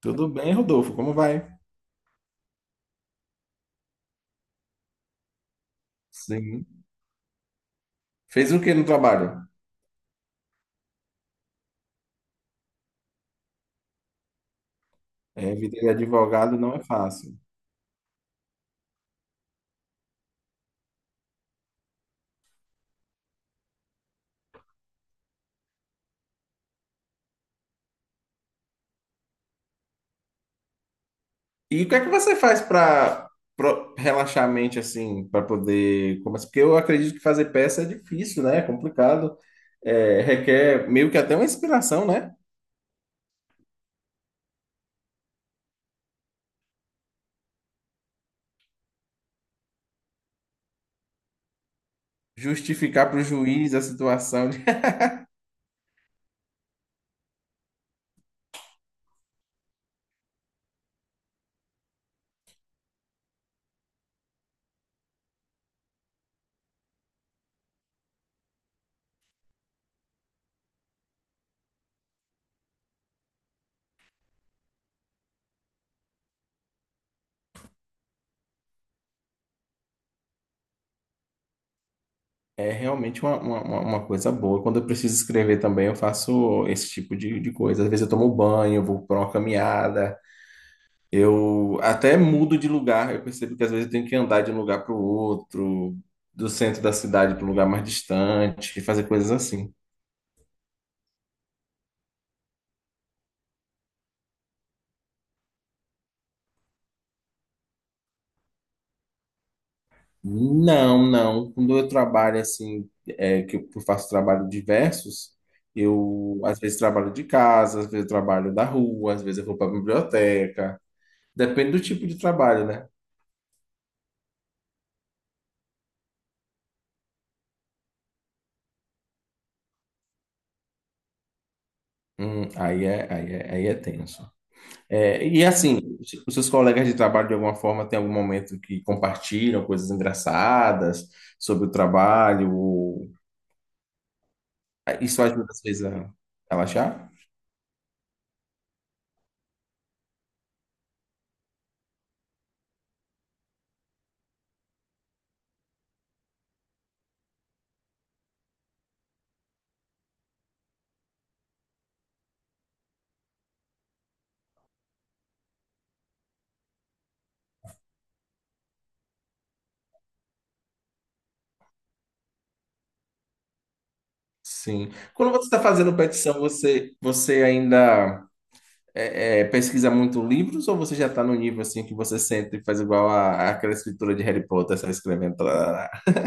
Tudo bem, Rodolfo? Como vai? Sim. Fez o que no trabalho? É, vida de advogado não é fácil. E o que é que você faz para relaxar a mente assim, para poder começar? Porque eu acredito que fazer peça é difícil, né? É complicado, é, requer meio que até uma inspiração, né? Justificar para o juiz a situação. É realmente uma coisa boa. Quando eu preciso escrever também, eu faço esse tipo de coisa. Às vezes eu tomo banho, eu vou para uma caminhada. Eu até mudo de lugar, eu percebo que às vezes eu tenho que andar de um lugar para o outro, do centro da cidade para um lugar mais distante, fazer coisas assim. Não, não. Quando eu trabalho assim, é, que eu faço trabalho diversos, eu às vezes trabalho de casa, às vezes eu trabalho da rua, às vezes eu vou para a biblioteca. Depende do tipo de trabalho, né? Aí é tenso. É, e assim, os seus colegas de trabalho, de alguma forma, tem algum momento que compartilham coisas engraçadas sobre o trabalho? Ou- isso ajuda às vezes a relaxar? Sim. Quando você está fazendo petição, você ainda pesquisa muito livros ou você já está no nível assim que você sente e faz igual a, aquela escritura de Harry Potter, sai escrevendo? Tá, tá, tá, tá?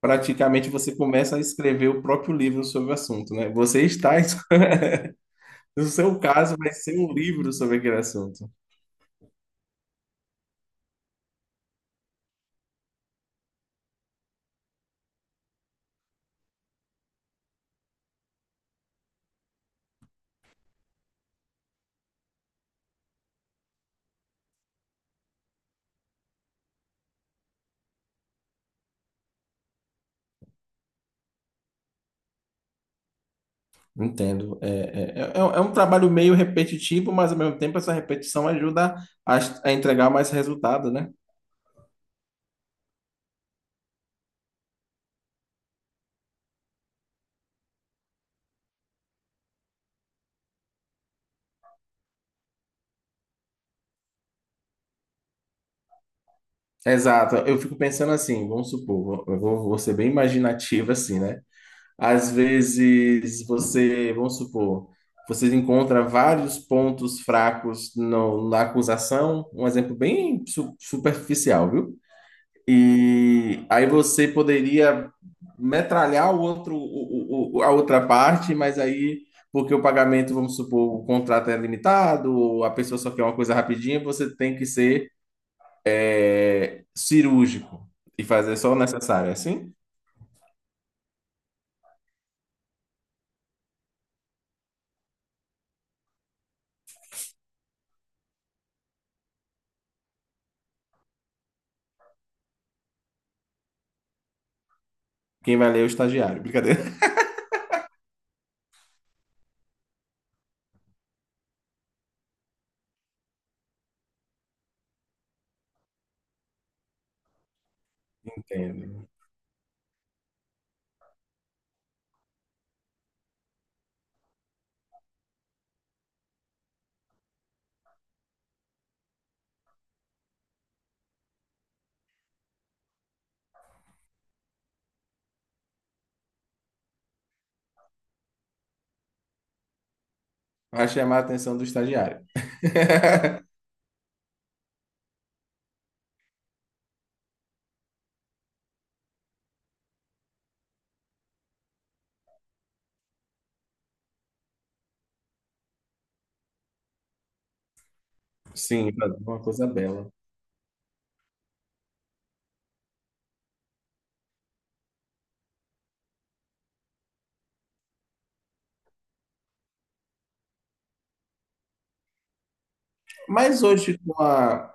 Praticamente você começa a escrever o próprio livro sobre o assunto, né? No seu caso, vai ser um livro sobre aquele assunto. Entendo. É um trabalho meio repetitivo, mas ao mesmo tempo essa repetição ajuda a, a entregar mais resultado, né? Exato. Eu fico pensando assim, vamos supor, vou ser bem imaginativo assim, né? Às vezes você, vamos supor, você encontra vários pontos fracos na acusação, um exemplo bem superficial, viu? E aí você poderia metralhar o outro, a outra parte, mas aí, porque o pagamento, vamos supor, o contrato é limitado, ou a pessoa só quer uma coisa rapidinha, você tem que ser cirúrgico e fazer só o necessário. É assim, quem vai ler é o estagiário. Brincadeira. Entendo. Vai chamar a atenção do estagiário. Sim, uma coisa bela. Mas hoje, com a,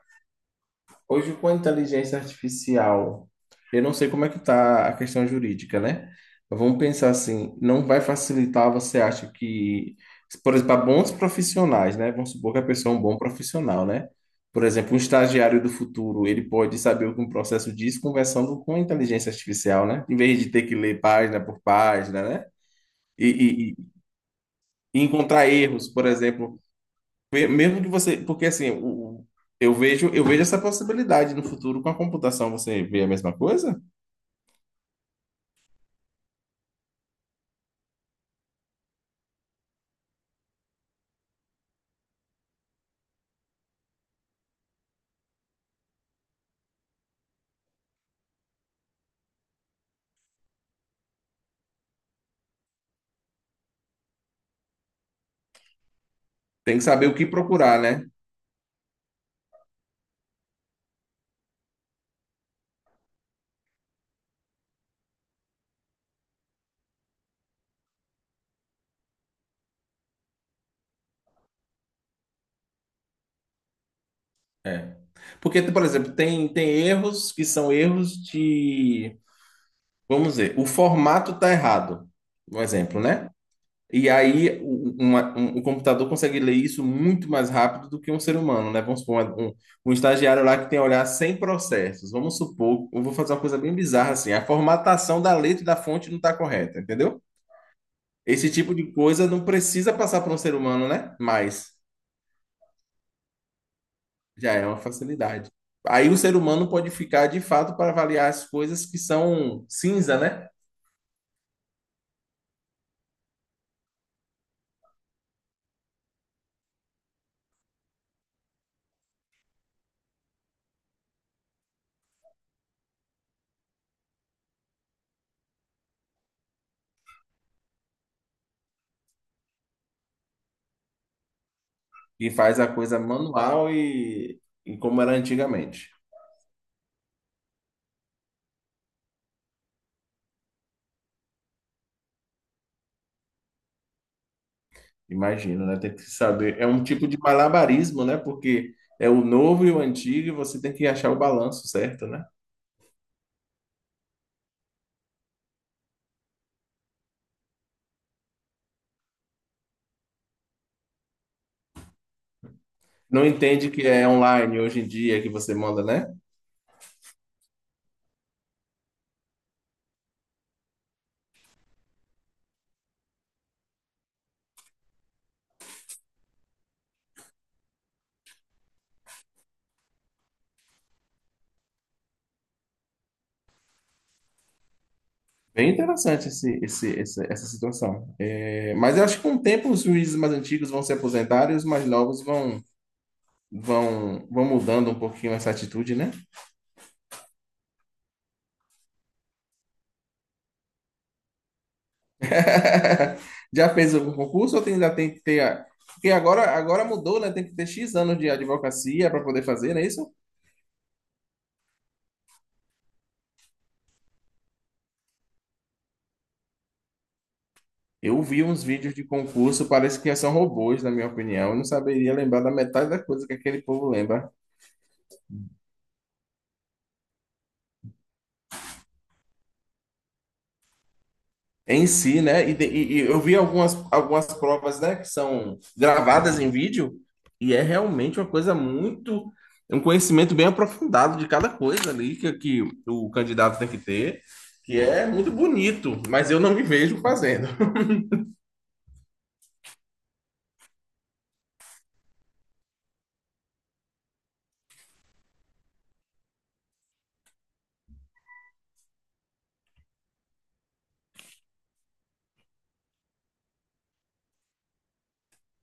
Hoje, com a inteligência artificial, eu não sei como é que está a questão jurídica, né? Vamos pensar assim, não vai facilitar, você acha que, por exemplo, para bons profissionais, né? Vamos supor que a pessoa é um bom profissional, né? Por exemplo, um estagiário do futuro, ele pode saber o que um processo diz conversando com a inteligência artificial, né? Em vez de ter que ler página por página, né? E, e- e encontrar erros, por exemplo, mesmo que você, porque assim, eu vejo essa possibilidade no futuro com a computação, você vê a mesma coisa? Tem que saber o que procurar, né? É. Porque, por exemplo, tem erros que são erros de, vamos dizer, o formato está errado, um exemplo, né? E aí o, o computador consegue ler isso muito mais rápido do que um ser humano, né? Vamos supor, um estagiário lá que tem a olhar 100 processos. Vamos supor, eu vou fazer uma coisa bem bizarra assim, a formatação da letra e da fonte não está correta, entendeu? Esse tipo de coisa não precisa passar para um ser humano, né? Mas já é uma facilidade. Aí o ser humano pode ficar de fato para avaliar as coisas que são cinza, né? E faz a coisa manual e como era antigamente. Imagino, né? Tem que saber. É um tipo de malabarismo, né? Porque é o novo e o antigo e você tem que achar o balanço certo, né? Não entende que é online hoje em dia que você manda, né? Bem interessante essa situação. É, mas eu acho que com o tempo os juízes mais antigos vão se aposentar e os mais novos vão, vão mudando um pouquinho essa atitude, né? Já fez algum concurso ou ainda tem que ter. Porque agora mudou, né? Tem que ter X anos de advocacia para poder fazer, não é isso? Eu vi uns vídeos de concurso, parece que são robôs, na minha opinião. Eu não saberia lembrar da metade da coisa que aquele povo lembra. Em si, né? E eu vi algumas provas, né, que são gravadas em vídeo, e é realmente uma coisa muito, um conhecimento bem aprofundado de cada coisa ali que o candidato tem que ter, que é muito bonito, mas eu não me vejo fazendo.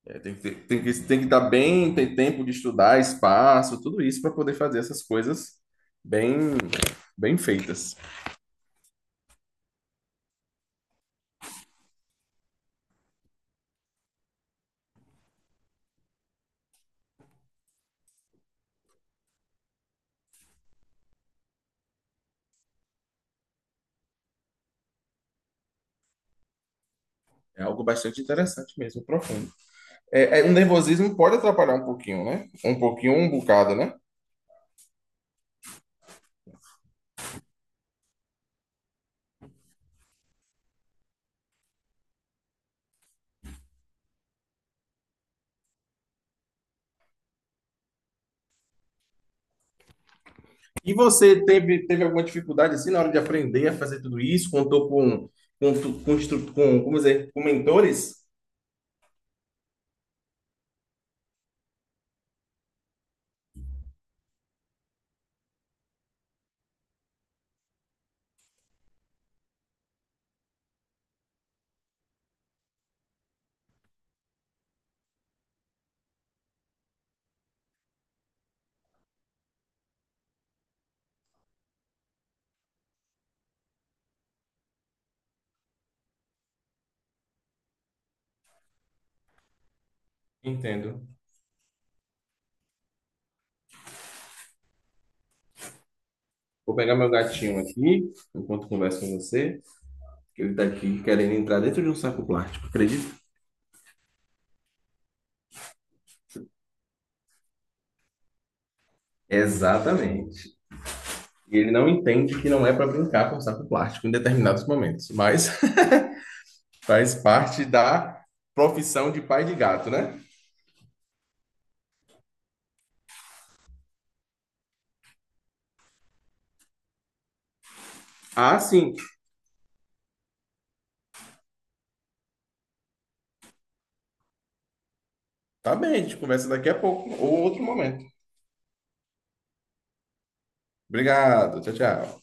É, tem que estar bem, ter tempo de estudar, espaço, tudo isso para poder fazer essas coisas bem, bem feitas. É algo bastante interessante mesmo, profundo. É, o nervosismo pode atrapalhar um pouquinho, né? Um pouquinho, um bocado, né? E você teve alguma dificuldade assim na hora de aprender a fazer tudo isso? Contou com, como dizer, com mentores? Entendo. Vou pegar meu gatinho aqui, enquanto converso com você, que ele está aqui querendo entrar dentro de um saco plástico, acredita? Exatamente. E ele não entende que não é para brincar com saco plástico em determinados momentos, mas faz parte da profissão de pai de gato, né? Ah, sim. Tá bem, a gente conversa daqui a pouco ou outro momento. Obrigado, tchau, tchau.